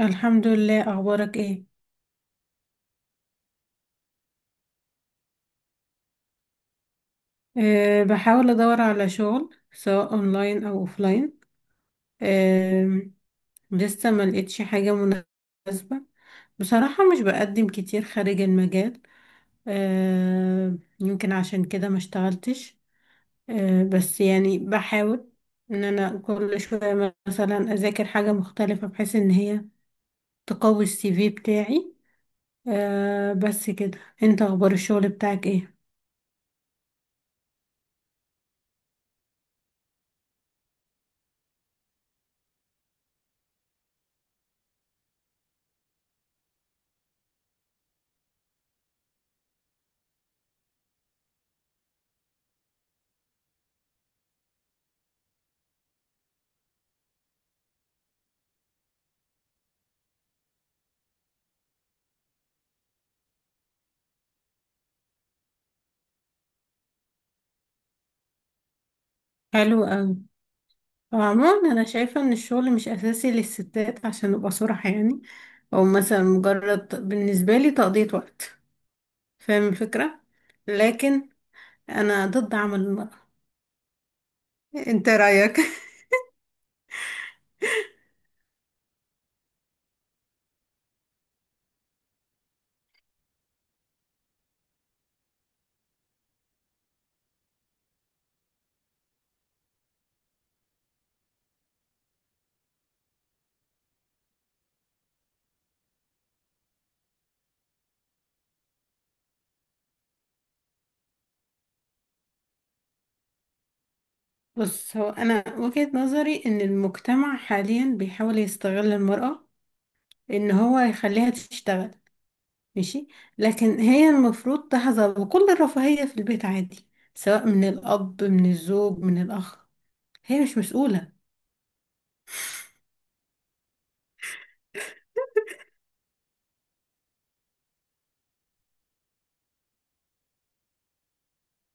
الحمد لله. اخبارك ايه؟ بحاول ادور على شغل، سواء اونلاين او اوفلاين. أه لسه ما لقيتش حاجه مناسبه. بصراحه مش بقدم كتير خارج المجال. يمكن عشان كده ما اشتغلتش. بس يعني بحاول ان انا كل شويه مثلا اذاكر حاجه مختلفه، بحيث ان هي تقوي السي في بتاعي. بس كده، انت اخبار الشغل بتاعك ايه؟ حلو أوي. عموما انا شايفة ان الشغل مش اساسي للستات عشان نبقى صراحة يعني، او مثلا مجرد بالنسبة لي تقضية وقت. فاهم الفكرة. لكن انا ضد عمل المرأة. انت رأيك؟ بص، هو انا وجهة نظري ان المجتمع حاليا بيحاول يستغل المرأة، ان هو يخليها تشتغل. ماشي. لكن هي المفروض تحظى بكل الرفاهية في البيت عادي، سواء من الاب من الزوج من الاخ. هي مش مسؤولة.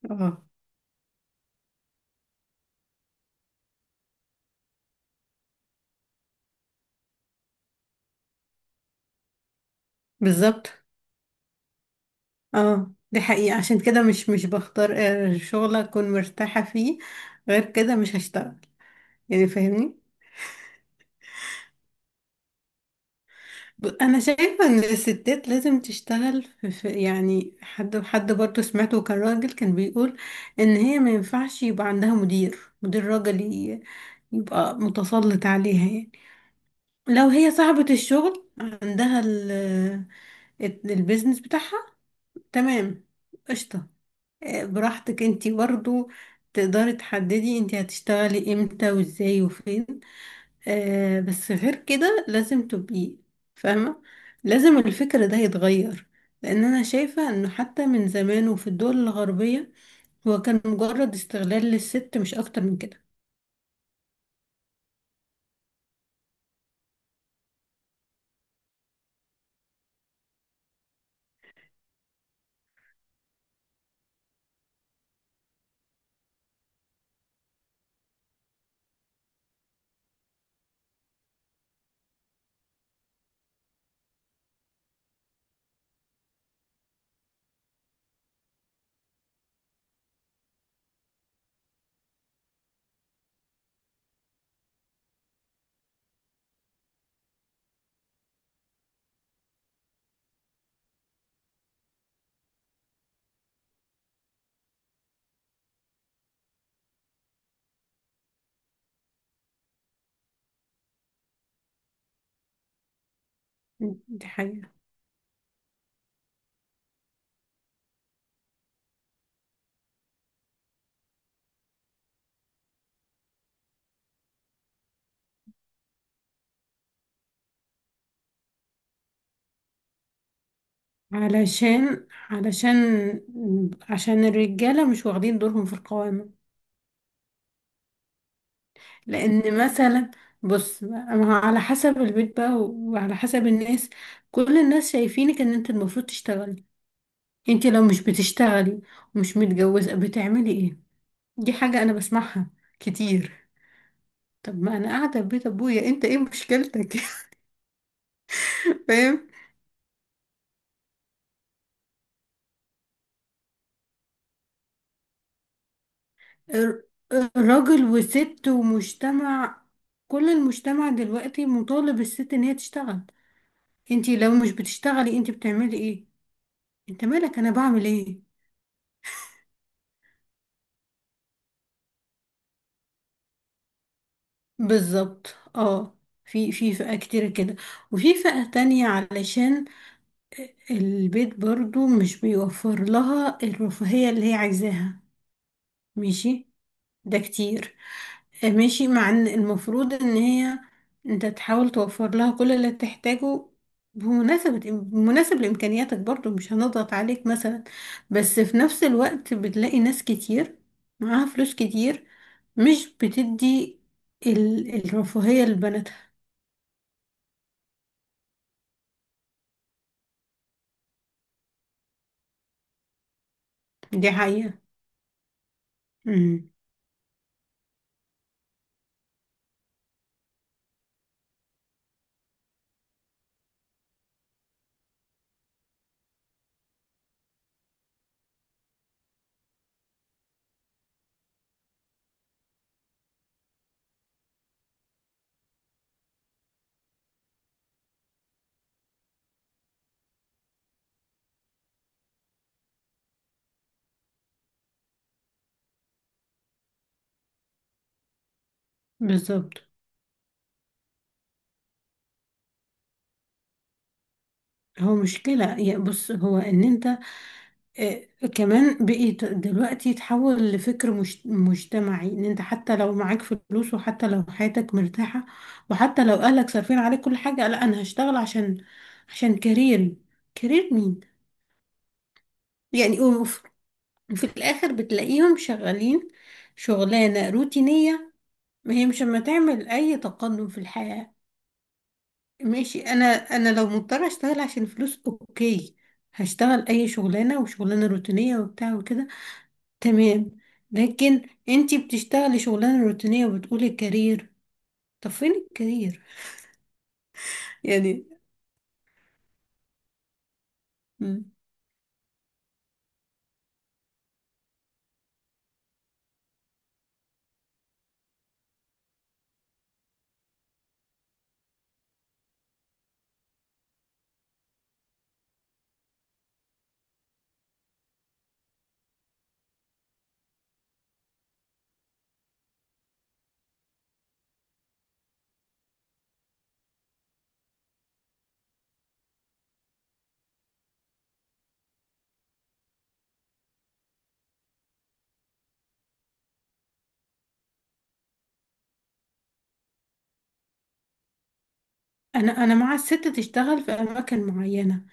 اه، بالظبط. اه، دي حقيقة. عشان كده مش بختار شغل اكون مرتاحة فيه. غير كده مش هشتغل. يعني فاهمني. انا شايفة ان الستات لازم تشتغل في يعني حد برضه سمعته، كان راجل كان بيقول ان هي ما ينفعش يبقى عندها مدير راجل، يبقى متسلط عليها يعني. لو هي صاحبة الشغل، عندها البيزنس بتاعها. تمام. قشطة. براحتك انتي برضو تقدري تحددي انتي هتشتغلي امتى وازاي وفين. بس غير كده لازم تبقي فاهمة. لازم الفكر ده يتغير. لان انا شايفة انه حتى من زمان وفي الدول الغربية، هو كان مجرد استغلال للست، مش اكتر من كده. دي حقيقة. علشان علشان عشان الرجالة مش واخدين دورهم في القوامة. لان مثلا، بص، ما هو على حسب البيت بقى وعلى حسب الناس. كل الناس شايفينك ان انت المفروض تشتغلي. انت لو مش بتشتغلي ومش متجوزة بتعملي ايه؟ دي حاجة انا بسمعها كتير. طب ما انا قاعدة في بيت ابويا، انت ايه مشكلتك؟ فاهم. الر- الراجل وست ومجتمع، كل المجتمع دلوقتي مطالب الست ان هي تشتغل. انت لو مش بتشتغلي انت بتعملي ايه؟ انت مالك انا بعمل ايه؟ بالظبط اه. في فئة كتير كده، وفي فئة تانية علشان البيت برضو مش بيوفر لها الرفاهية اللي هي عايزاها. ماشي، ده كتير. ماشي مع ان المفروض ان هي، انت تحاول توفر لها كل اللي تحتاجه بمناسبة مناسب لإمكانياتك، برضو مش هنضغط عليك مثلا. بس في نفس الوقت بتلاقي ناس كتير معاها فلوس كتير، مش بتدي الرفاهية لبناتها. دي حقيقة. امم بالظبط. هو مشكلة. يا بص، هو ان انت آه، كمان بقيت دلوقتي تحول لفكر مش مجتمعي، ان انت حتى لو معاك فلوس، وحتى لو حياتك مرتاحة، وحتى لو اهلك صارفين عليك كل حاجة، لا انا هشتغل عشان كارير. كارير مين؟ يعني وفي الاخر بتلاقيهم شغالين شغلانة روتينية. ما هي مش ما تعمل اي تقدم في الحياة. ماشي. انا لو مضطرة اشتغل عشان فلوس، اوكي، هشتغل اي شغلانة، وشغلانة روتينية وبتاع وكده، تمام. لكن انتي بتشتغلي شغلانة روتينية وبتقولي الكارير. طب فين الكارير؟ يعني. م. انا مع الست تشتغل في اماكن معينة،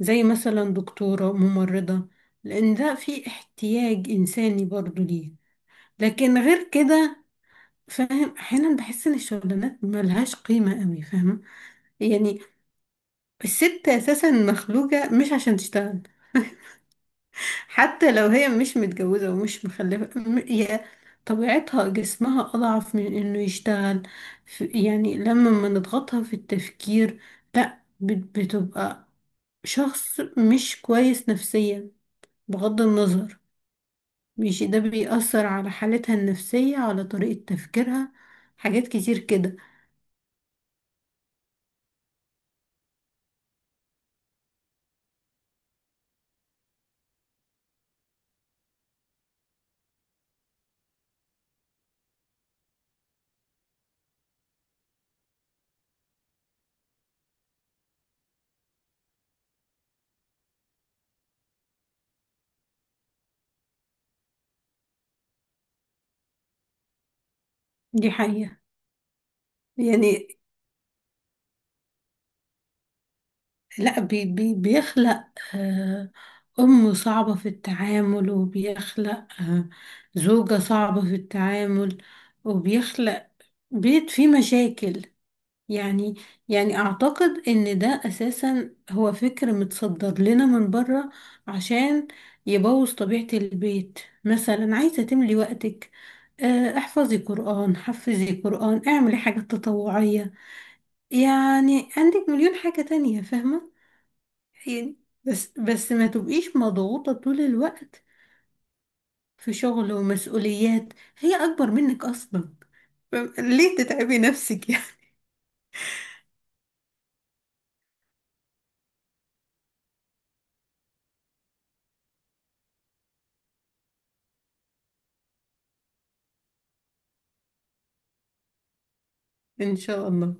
زي مثلا دكتورة، ممرضة، لأن ده في احتياج إنساني برضو ليه. لكن غير كده، فاهم، أحيانا بحس إن الشغلانات ملهاش قيمة قوي، فاهمة يعني. الست اساسا مخلوقه مش عشان تشتغل. حتى لو هي مش متجوزه ومش مخلفه، هي طبيعتها جسمها اضعف من انه يشتغل. يعني لما ما نضغطها في التفكير، لا بتبقى شخص مش كويس نفسيا، بغض النظر. مش ده بيأثر على حالتها النفسية على طريقة تفكيرها؟ حاجات كتير كده. دي حقيقة. يعني لا بي بيخلق آه، أم صعبة في التعامل، وبيخلق زوجة صعبة في التعامل، وبيخلق بيت فيه مشاكل. يعني يعني أعتقد إن ده أساسا هو فكر متصدر لنا من بره عشان يبوظ طبيعة البيت. مثلا عايزة تملي وقتك، احفظي قرآن حفظي قرآن، اعملي حاجات تطوعية. يعني عندك مليون حاجة تانية، فاهمة يعني. بس ما تبقيش مضغوطة طول الوقت في شغل ومسؤوليات هي أكبر منك أصلا. ليه تتعبي نفسك يعني؟ إن شاء الله.